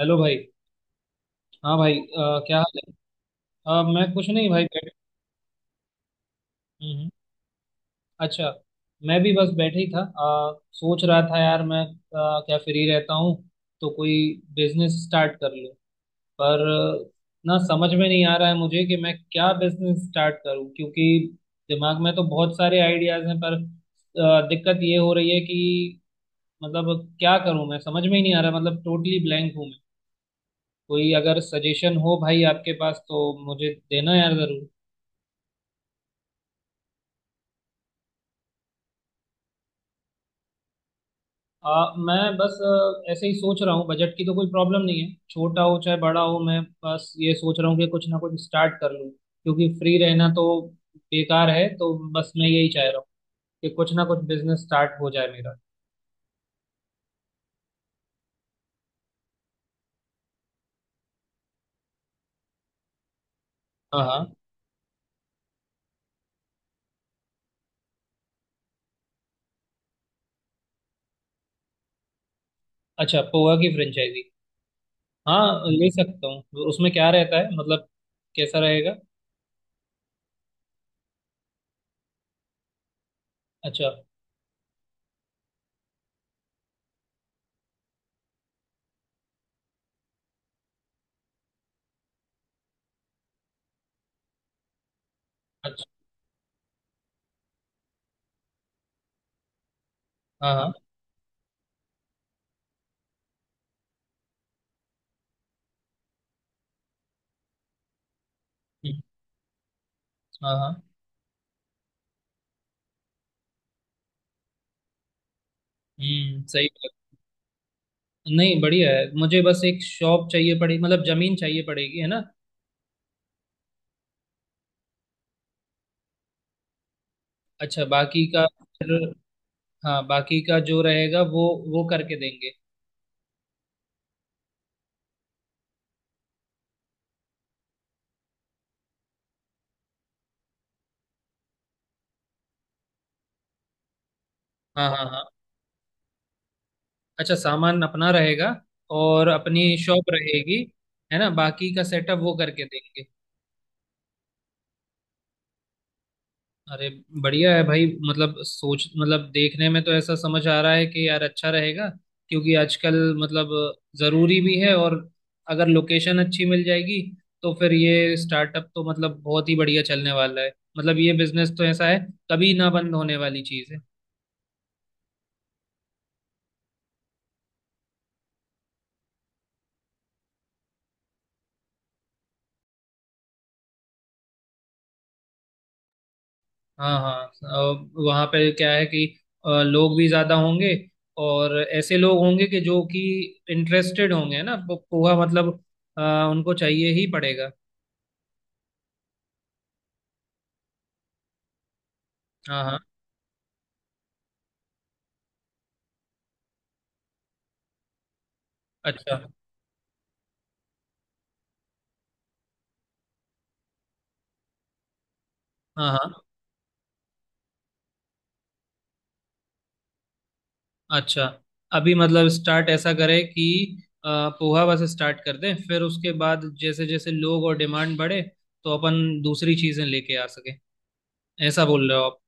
Hello भाई। हाँ भाई, क्या हाल है। मैं कुछ नहीं भाई, बैठ। हम्म, हम्म। अच्छा। मैं भी बस बैठे ही था, सोच रहा था यार। मैं क्या फ्री रहता हूँ, तो कोई बिजनेस स्टार्ट कर लूँ। पर ना, समझ में नहीं आ रहा है मुझे कि मैं क्या बिजनेस स्टार्ट करूँ, क्योंकि दिमाग में तो बहुत सारे आइडियाज हैं। पर दिक्कत ये हो रही है कि मतलब क्या करूँ, मैं समझ में ही नहीं आ रहा, मतलब टोटली ब्लैंक हूँ मैं। कोई अगर सजेशन हो भाई आपके पास, तो मुझे देना यार जरूर। मैं बस ऐसे ही सोच रहा हूँ। बजट की तो कोई प्रॉब्लम नहीं है, छोटा हो चाहे बड़ा हो। मैं बस ये सोच रहा हूँ कि कुछ ना कुछ स्टार्ट कर लूँ, क्योंकि फ्री रहना तो बेकार है, तो बस मैं यही चाह रहा हूँ कि कुछ ना कुछ बिजनेस स्टार्ट हो जाए मेरा। हाँ हाँ। अच्छा, पोहा की फ्रेंचाइजी। हाँ, ले सकता हूँ। उसमें क्या रहता है, मतलब कैसा रहेगा। अच्छा। अच्छा। हाँ हाँ। हम्म, हाँ हाँ। सही बात। नहीं, बढ़िया है। मुझे बस एक शॉप चाहिए पड़ेगी, मतलब जमीन चाहिए पड़ेगी, है ना। अच्छा, बाकी का फिर, हाँ बाकी का जो रहेगा वो करके देंगे। हाँ हाँ हाँ। अच्छा, सामान अपना रहेगा और अपनी शॉप रहेगी, है ना, बाकी का सेटअप वो करके देंगे। अरे, बढ़िया है भाई। मतलब सोच, मतलब देखने में तो ऐसा समझ आ रहा है कि यार अच्छा रहेगा, क्योंकि आजकल मतलब ज़रूरी भी है, और अगर लोकेशन अच्छी मिल जाएगी तो फिर ये स्टार्टअप तो मतलब बहुत ही बढ़िया चलने वाला है। मतलब ये बिजनेस तो ऐसा है, कभी ना बंद होने वाली चीज़ है। हाँ हाँ, वहाँ पे क्या है कि लोग भी ज्यादा होंगे, और ऐसे लोग होंगे कि जो कि इंटरेस्टेड होंगे ना, पोहा मतलब, अ, उनको चाहिए ही पड़ेगा। हाँ हाँ। अच्छा। हाँ हाँ। अच्छा, अभी मतलब स्टार्ट ऐसा करें कि अ, पोहा बस स्टार्ट कर दें, फिर उसके बाद जैसे जैसे लोग और डिमांड बढ़े तो अपन दूसरी चीजें लेके आ सके, ऐसा बोल रहे हो आप।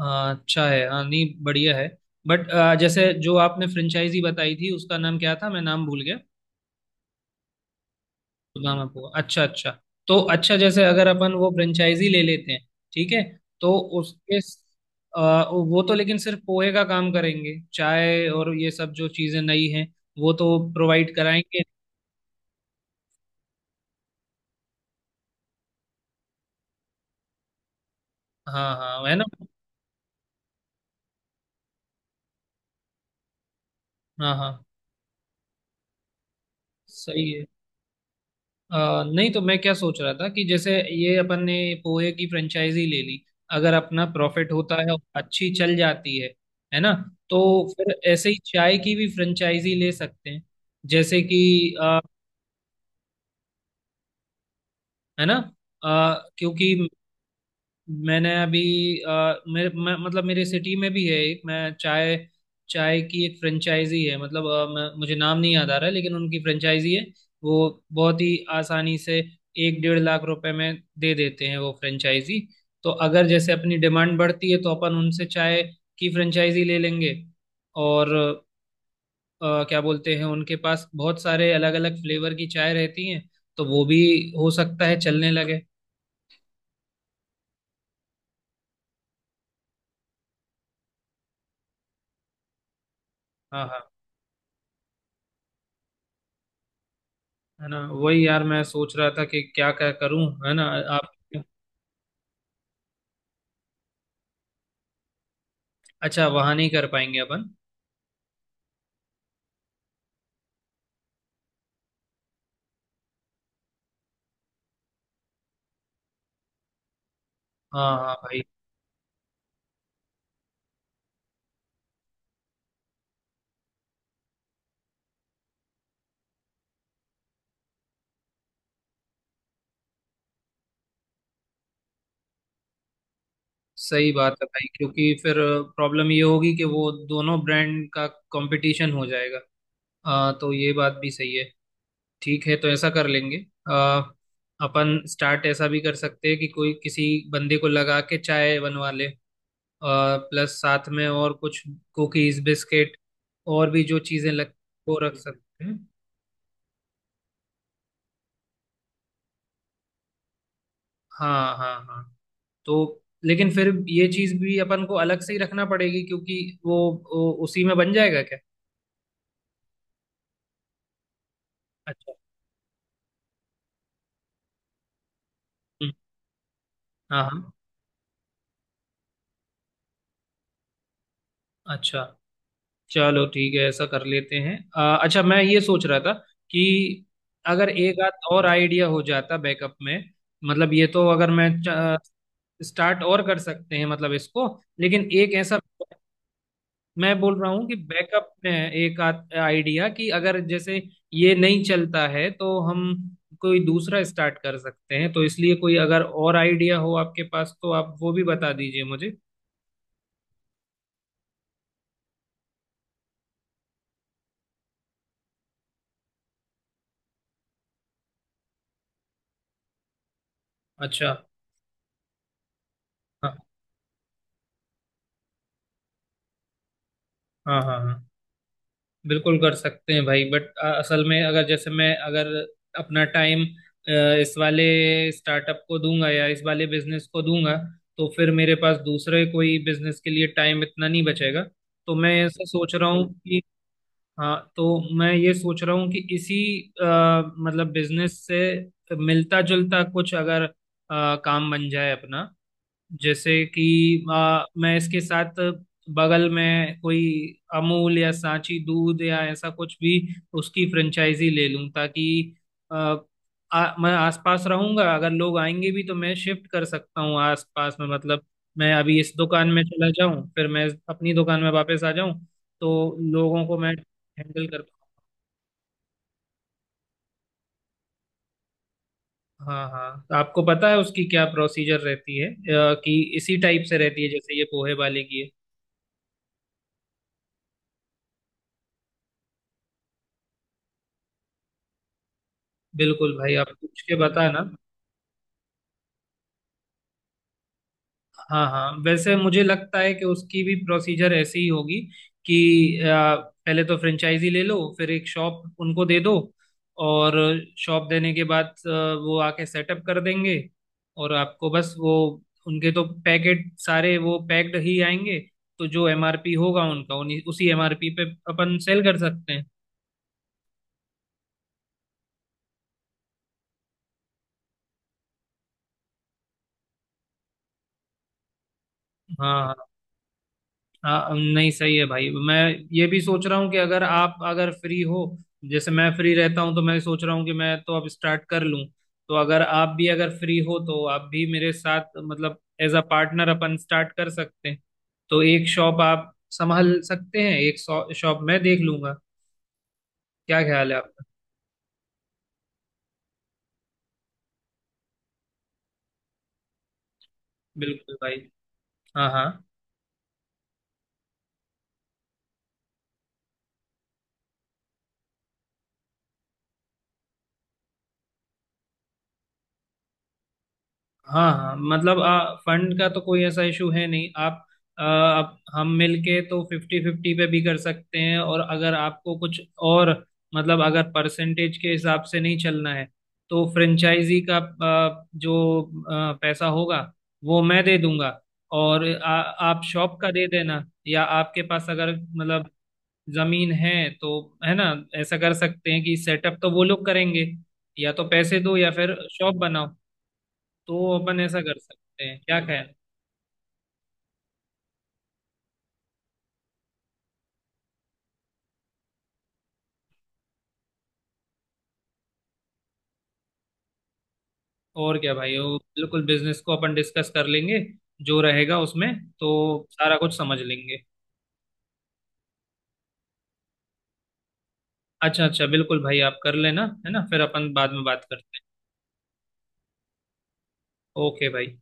हाँ अच्छा है, हाँ नहीं बढ़िया है। बट जैसे जो आपने फ्रेंचाइजी बताई थी उसका नाम क्या था, मैं नाम भूल गया। तो नाम आपको, अच्छा अच्छा। तो अच्छा, जैसे अगर अपन वो फ्रेंचाइजी ले लेते हैं, ठीक है तो उसके वो तो लेकिन सिर्फ पोहे का काम करेंगे, चाय और ये सब जो चीज़ें नई हैं वो तो प्रोवाइड कराएंगे, हाँ हाँ, है ना। हाँ हाँ सही है। अ नहीं तो मैं क्या सोच रहा था कि जैसे ये अपन ने पोहे की फ्रेंचाइजी ले ली, अगर अपना प्रॉफिट होता है और अच्छी चल जाती है ना, तो फिर ऐसे ही चाय की भी फ्रेंचाइजी ले सकते हैं, जैसे कि अ, है ना। क्योंकि मैंने अभी मतलब मेरे सिटी में भी है एक। मैं चाय चाय की एक फ्रेंचाइजी है, मतलब मुझे नाम नहीं याद आ रहा है, लेकिन उनकी फ्रेंचाइजी है। वो बहुत ही आसानी से एक 1.5 लाख रुपए में दे देते हैं वो फ्रेंचाइजी। तो अगर जैसे अपनी डिमांड बढ़ती है तो अपन उनसे चाय की फ्रेंचाइजी ले लेंगे, और क्या बोलते हैं, उनके पास बहुत सारे अलग अलग फ्लेवर की चाय रहती हैं, तो वो भी हो सकता है चलने लगे। हाँ हाँ, है ना, वही यार मैं सोच रहा था कि क्या क्या करूं, है ना। आप, अच्छा वहां नहीं कर पाएंगे अपन। हाँ हाँ भाई। सही बात है भाई, क्योंकि फिर प्रॉब्लम ये होगी कि वो दोनों ब्रांड का कंपटीशन हो जाएगा। तो ये बात भी सही है, ठीक है तो ऐसा कर लेंगे। आ, अपन स्टार्ट ऐसा भी कर सकते हैं कि कोई किसी बंदे को लगा के चाय बनवा ले, प्लस साथ में और कुछ कुकीज बिस्किट और भी जो चीजें लग, वो रख सकते हैं। हाँ हाँ हाँ। तो लेकिन फिर ये चीज भी अपन को अलग से ही रखना पड़ेगी, क्योंकि वो उसी में बन जाएगा क्या। अच्छा। हम्म, हाँ हाँ। अच्छा, चलो ठीक है ऐसा कर लेते हैं। अच्छा, मैं ये सोच रहा था कि अगर एक आध और आइडिया हो जाता बैकअप में, मतलब ये तो अगर मैं स्टार्ट और कर सकते हैं मतलब इसको, लेकिन एक ऐसा, मैं बोल रहा हूँ कि बैकअप में एक आइडिया, कि अगर जैसे ये नहीं चलता है तो हम कोई दूसरा स्टार्ट कर सकते हैं, तो इसलिए कोई अगर और आइडिया हो आपके पास तो आप वो भी बता दीजिए मुझे। अच्छा। हाँ हाँ हाँ हाँ। बिल्कुल कर सकते हैं भाई, बट असल में अगर जैसे मैं अगर अपना टाइम इस वाले स्टार्टअप को दूंगा या इस वाले बिजनेस को दूंगा, तो फिर मेरे पास दूसरे कोई बिजनेस के लिए टाइम इतना नहीं बचेगा, तो मैं ऐसा सोच रहा हूँ कि। हाँ, तो मैं ये सोच रहा हूँ कि इसी अ, मतलब बिजनेस से मिलता जुलता कुछ अगर काम बन जाए अपना, जैसे कि मैं इसके साथ बगल में कोई अमूल या सांची दूध या ऐसा कुछ भी उसकी फ्रेंचाइजी ले लूं, ताकि आ, आ, मैं आसपास रहूंगा। अगर लोग आएंगे भी तो मैं शिफ्ट कर सकता हूँ आसपास में, मतलब मैं अभी इस दुकान में चला जाऊं फिर मैं अपनी दुकान में वापस आ जाऊं, तो लोगों को मैं हैंडल कर पाऊं। हाँ हाँ, तो आपको पता है उसकी क्या प्रोसीजर रहती है, कि इसी टाइप से रहती है जैसे ये पोहे वाले की है। बिल्कुल भाई आप पूछ के बताना। हाँ हाँ, वैसे मुझे लगता है कि उसकी भी प्रोसीजर ऐसी ही होगी कि पहले तो फ्रेंचाइजी ले लो, फिर एक शॉप उनको दे दो, और शॉप देने के बाद वो आके सेटअप कर देंगे, और आपको बस वो, उनके तो पैकेट सारे वो पैक्ड ही आएंगे, तो जो एमआरपी होगा उनका उन्हीं उसी एमआरपी पे अपन सेल कर सकते हैं। हाँ हाँ। हाँ नहीं सही है भाई। मैं ये भी सोच रहा हूँ कि अगर आप अगर फ्री हो, जैसे मैं फ्री रहता हूँ तो मैं सोच रहा हूँ कि मैं तो अब स्टार्ट कर लूँ, तो अगर आप भी अगर फ्री हो तो आप भी मेरे साथ, मतलब एज अ पार्टनर, अपन स्टार्ट कर सकते हैं। तो एक शॉप आप संभाल सकते हैं, एक शॉप मैं देख लूंगा, क्या ख्याल है आपका। बिल्कुल भाई। हाँ हाँ हाँ हाँ, मतलब फंड का तो कोई ऐसा इशू है नहीं। आप, आप हम मिलके तो फिफ्टी फिफ्टी पे भी कर सकते हैं, और अगर आपको कुछ और मतलब अगर परसेंटेज के हिसाब से नहीं चलना है, तो फ्रेंचाइजी का जो पैसा होगा वो मैं दे दूंगा, और आप शॉप का दे देना, या आपके पास अगर मतलब जमीन है, तो है ना, ऐसा कर सकते हैं कि सेटअप तो वो लोग करेंगे, या तो पैसे दो या फिर शॉप बनाओ, तो अपन ऐसा कर सकते हैं, क्या ख्याल। और क्या भाई, वो बिल्कुल बिजनेस को अपन डिस्कस कर लेंगे, जो रहेगा उसमें तो सारा कुछ समझ लेंगे। अच्छा अच्छा बिल्कुल भाई, आप कर लेना, है ना, फिर अपन बाद में बात करते हैं। ओके भाई।